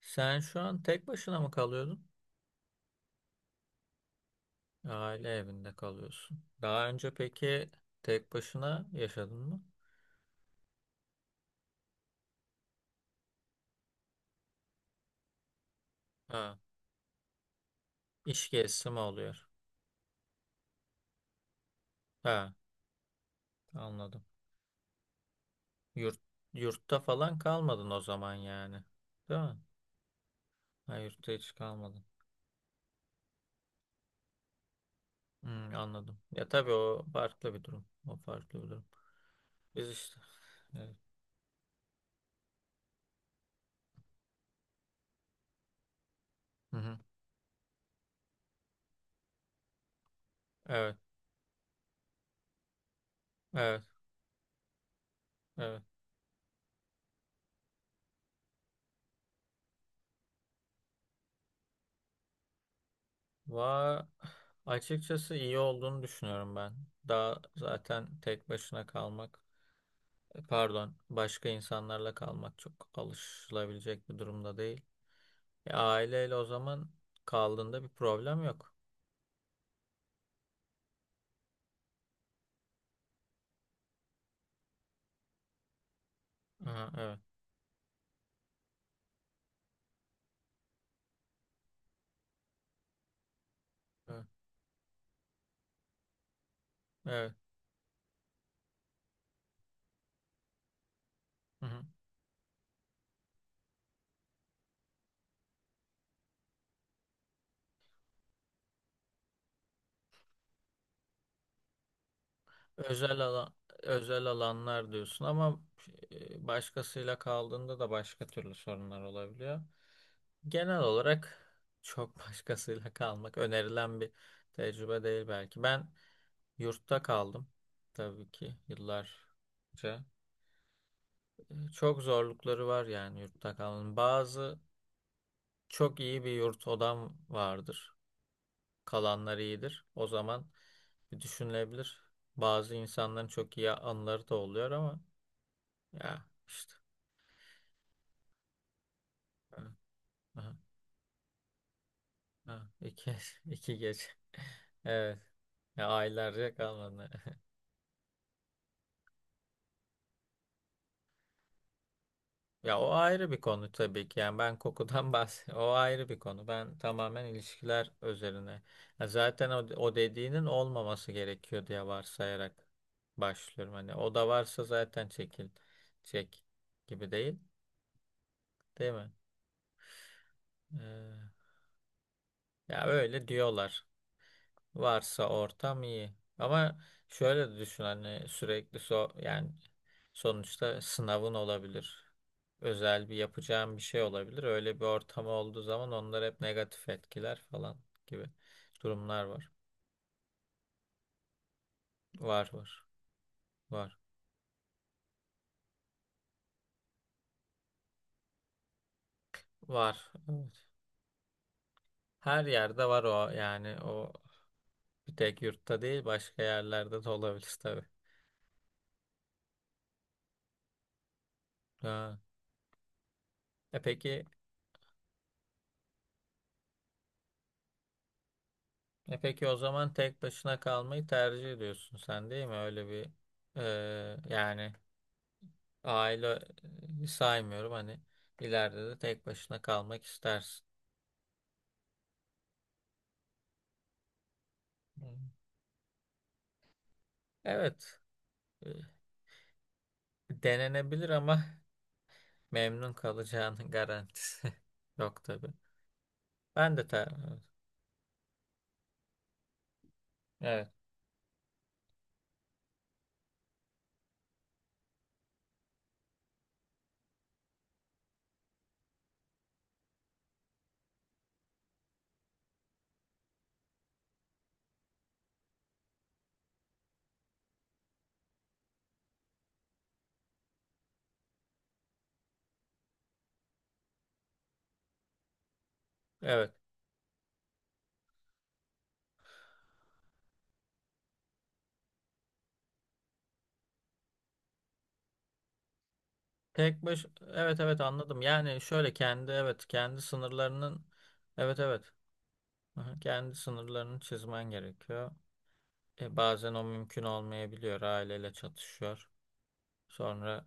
Sen şu an tek başına mı kalıyordun? Aile evinde kalıyorsun. Daha önce peki tek başına yaşadın mı? Ha, iş gezisi mi oluyor? Ha, anladım. Yurt, yurtta falan kalmadın o zaman yani. Değil mi? Ha, yurtta hiç kalmadın. Hmm, anladım. Ya tabii o farklı bir durum. O farklı bir durum. Biz işte. Evet. Hı hı. Evet. Evet. Evet. Va açıkçası iyi olduğunu düşünüyorum ben. Daha zaten tek başına kalmak. Pardon, başka insanlarla kalmak çok alışılabilecek bir durumda değil. Aileyle o zaman kaldığında bir problem yok. Aha, evet, evet, evet. Hı hı. Özel alan, özel alanlar diyorsun ama başkasıyla kaldığında da başka türlü sorunlar olabiliyor. Genel olarak çok başkasıyla kalmak önerilen bir tecrübe değil belki. Ben yurtta kaldım tabii ki yıllarca. Çok zorlukları var yani yurtta kalmanın. Bazı çok iyi bir yurt odam vardır. Kalanlar iyidir. O zaman bir düşünülebilir. Bazı insanların çok iyi anıları da oluyor ama ya işte. Ha, ha, ha. İki, iki gece. Evet. Ya aylarca kalmadı. Ya o ayrı bir konu tabii ki. Yani ben kokudan bahs o ayrı bir konu. Ben tamamen ilişkiler üzerine. Ya zaten o dediğinin olmaması gerekiyor diye varsayarak başlıyorum. Hani o da varsa zaten çekil çek gibi değil, değil mi? Ee, Ya öyle diyorlar. Varsa ortam iyi. Ama şöyle de düşün hani sürekli so yani sonuçta sınavın olabilir. Özel bir yapacağım bir şey olabilir. Öyle bir ortam olduğu zaman onlar hep negatif etkiler falan gibi durumlar var. Var var var var. Evet. Her yerde var o yani o bir tek yurtta değil başka yerlerde de olabilir tabii. Ha. E peki e peki o zaman tek başına kalmayı tercih ediyorsun sen değil mi? Öyle bir yani aile saymıyorum hani ileride de tek başına kalmak istersin. Hı. Evet. e, Denenebilir ama memnun kalacağının garantisi yok tabii. Ben de ter. Evet. Evet. Tek baş evet evet anladım. Yani şöyle kendi evet kendi sınırlarının evet evet. Aha, kendi sınırlarını çizmen gerekiyor. E, bazen o mümkün olmayabiliyor. Aileyle çatışıyor. Sonra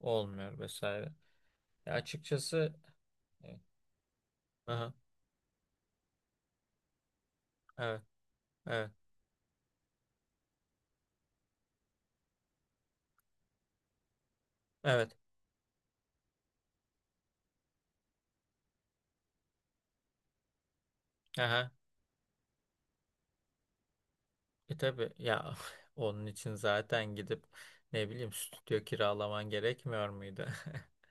olmuyor vesaire. E, açıkçası e, aha, evet evet evet. Aha. E tabii ya onun için zaten gidip ne bileyim stüdyo kiralaman gerekmiyor muydu?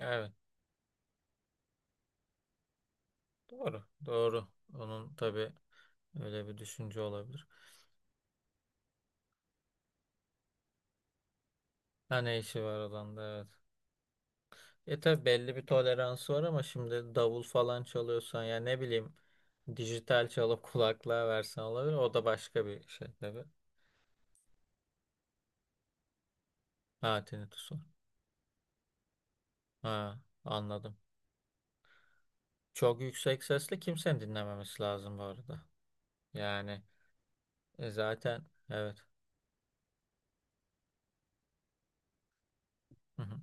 Evet doğru doğru. Onun tabii öyle bir düşünce olabilir. Ha ne işi var adamda evet. E tabii belli bir toleransı var ama şimdi davul falan çalıyorsan ya ne bileyim dijital çalıp kulaklığa versen olabilir. O da başka bir şey tabii. Ha tinnitus var. Ha anladım. Çok yüksek sesle kimsenin dinlememesi lazım bu arada. Yani zaten evet. Hı hı.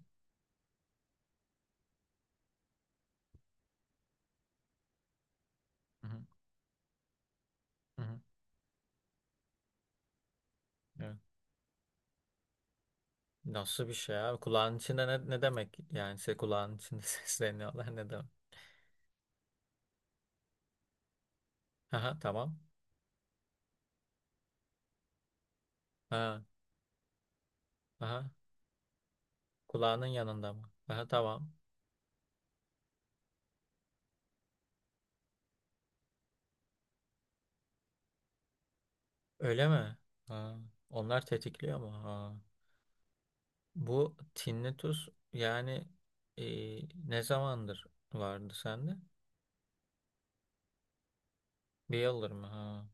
Hı hı, hı hı. Evet. Nasıl bir şey abi? Kulağın içinde ne demek? Yani şey kulağın içinde sesleniyorlar ne demek? Aha tamam. Ha, aha. Kulağının yanında mı? Aha tamam. Öyle mi? Ha. Onlar tetikliyor mu? Ha. Bu tinnitus yani e, ne zamandır vardı sende? Bir yıldır mı? Ha.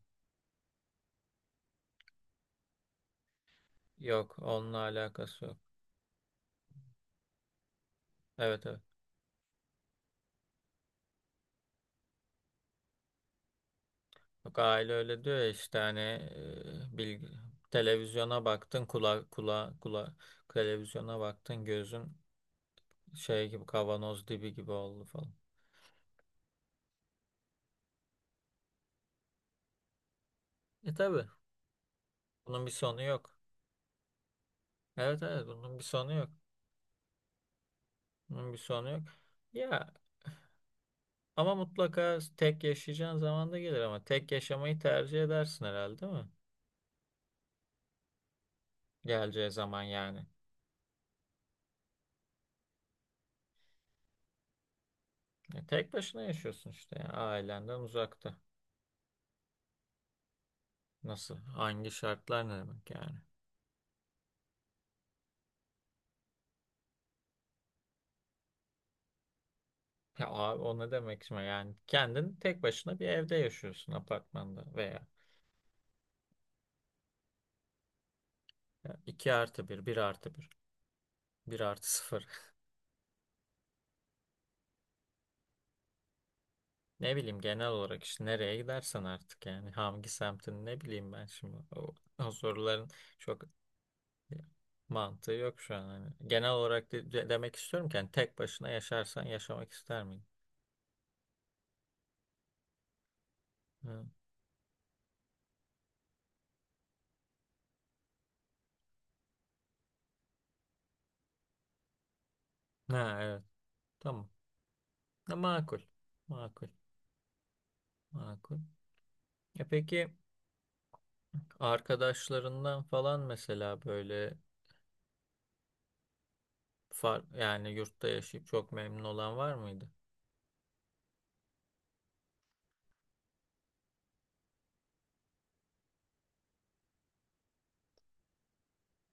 Yok onunla alakası yok. Evet evet. Yok, aile öyle diyor ya işte hani bilgi, televizyona baktın kula kula kula televizyona baktın gözün şey gibi kavanoz dibi gibi oldu falan. E tabii bunun bir sonu yok. Evet evet bunun bir sonu yok. Bunun bir sonu yok. Ya ama mutlaka tek yaşayacağın zaman da gelir ama tek yaşamayı tercih edersin herhalde değil mi? Geleceği zaman yani. E, tek başına yaşıyorsun işte ya, ailenden uzakta. Nasıl? Hangi şartlar ne demek yani? Ya abi o ne demek şimdi yani kendin tek başına bir evde yaşıyorsun apartmanda veya ya 2 artı bir bir artı bir bir artı sıfır. Ne bileyim genel olarak işte nereye gidersen artık yani hangi semtin ne bileyim ben şimdi o soruların çok mantığı yok şu an. Hani. Genel olarak demek istiyorum ki hani tek başına yaşarsan yaşamak ister miydin? Ha. Ha, evet tamam. Ha, makul. Makul. Makul. E peki arkadaşlarından falan mesela böyle. Far, yani yurtta yaşayıp çok memnun olan var mıydı?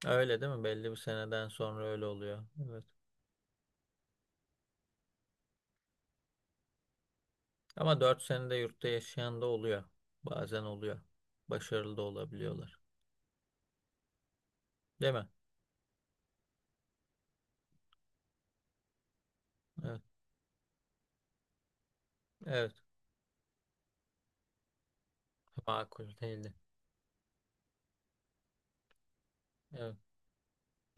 Öyle değil mi? Belli bir seneden sonra öyle oluyor. Evet. Ama 4 senede yurtta yaşayan da oluyor. Bazen oluyor. Başarılı da olabiliyorlar. Değil mi? Evet. Evet. Makul değildi. Evet.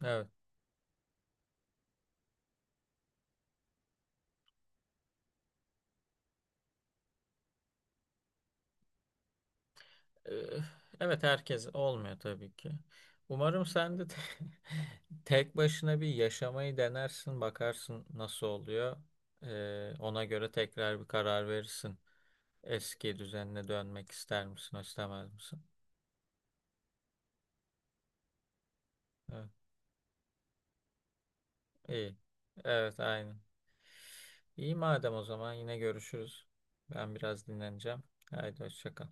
Evet. Ee, evet herkes olmuyor tabii ki. Umarım sen de te- tek başına bir yaşamayı denersin, bakarsın nasıl oluyor. Ona göre tekrar bir karar verirsin. Eski düzenine dönmek ister misin, istemez misin? Evet, iyi. Evet, aynen. İyi madem o zaman yine görüşürüz. Ben biraz dinleneceğim. Haydi hoşça kal.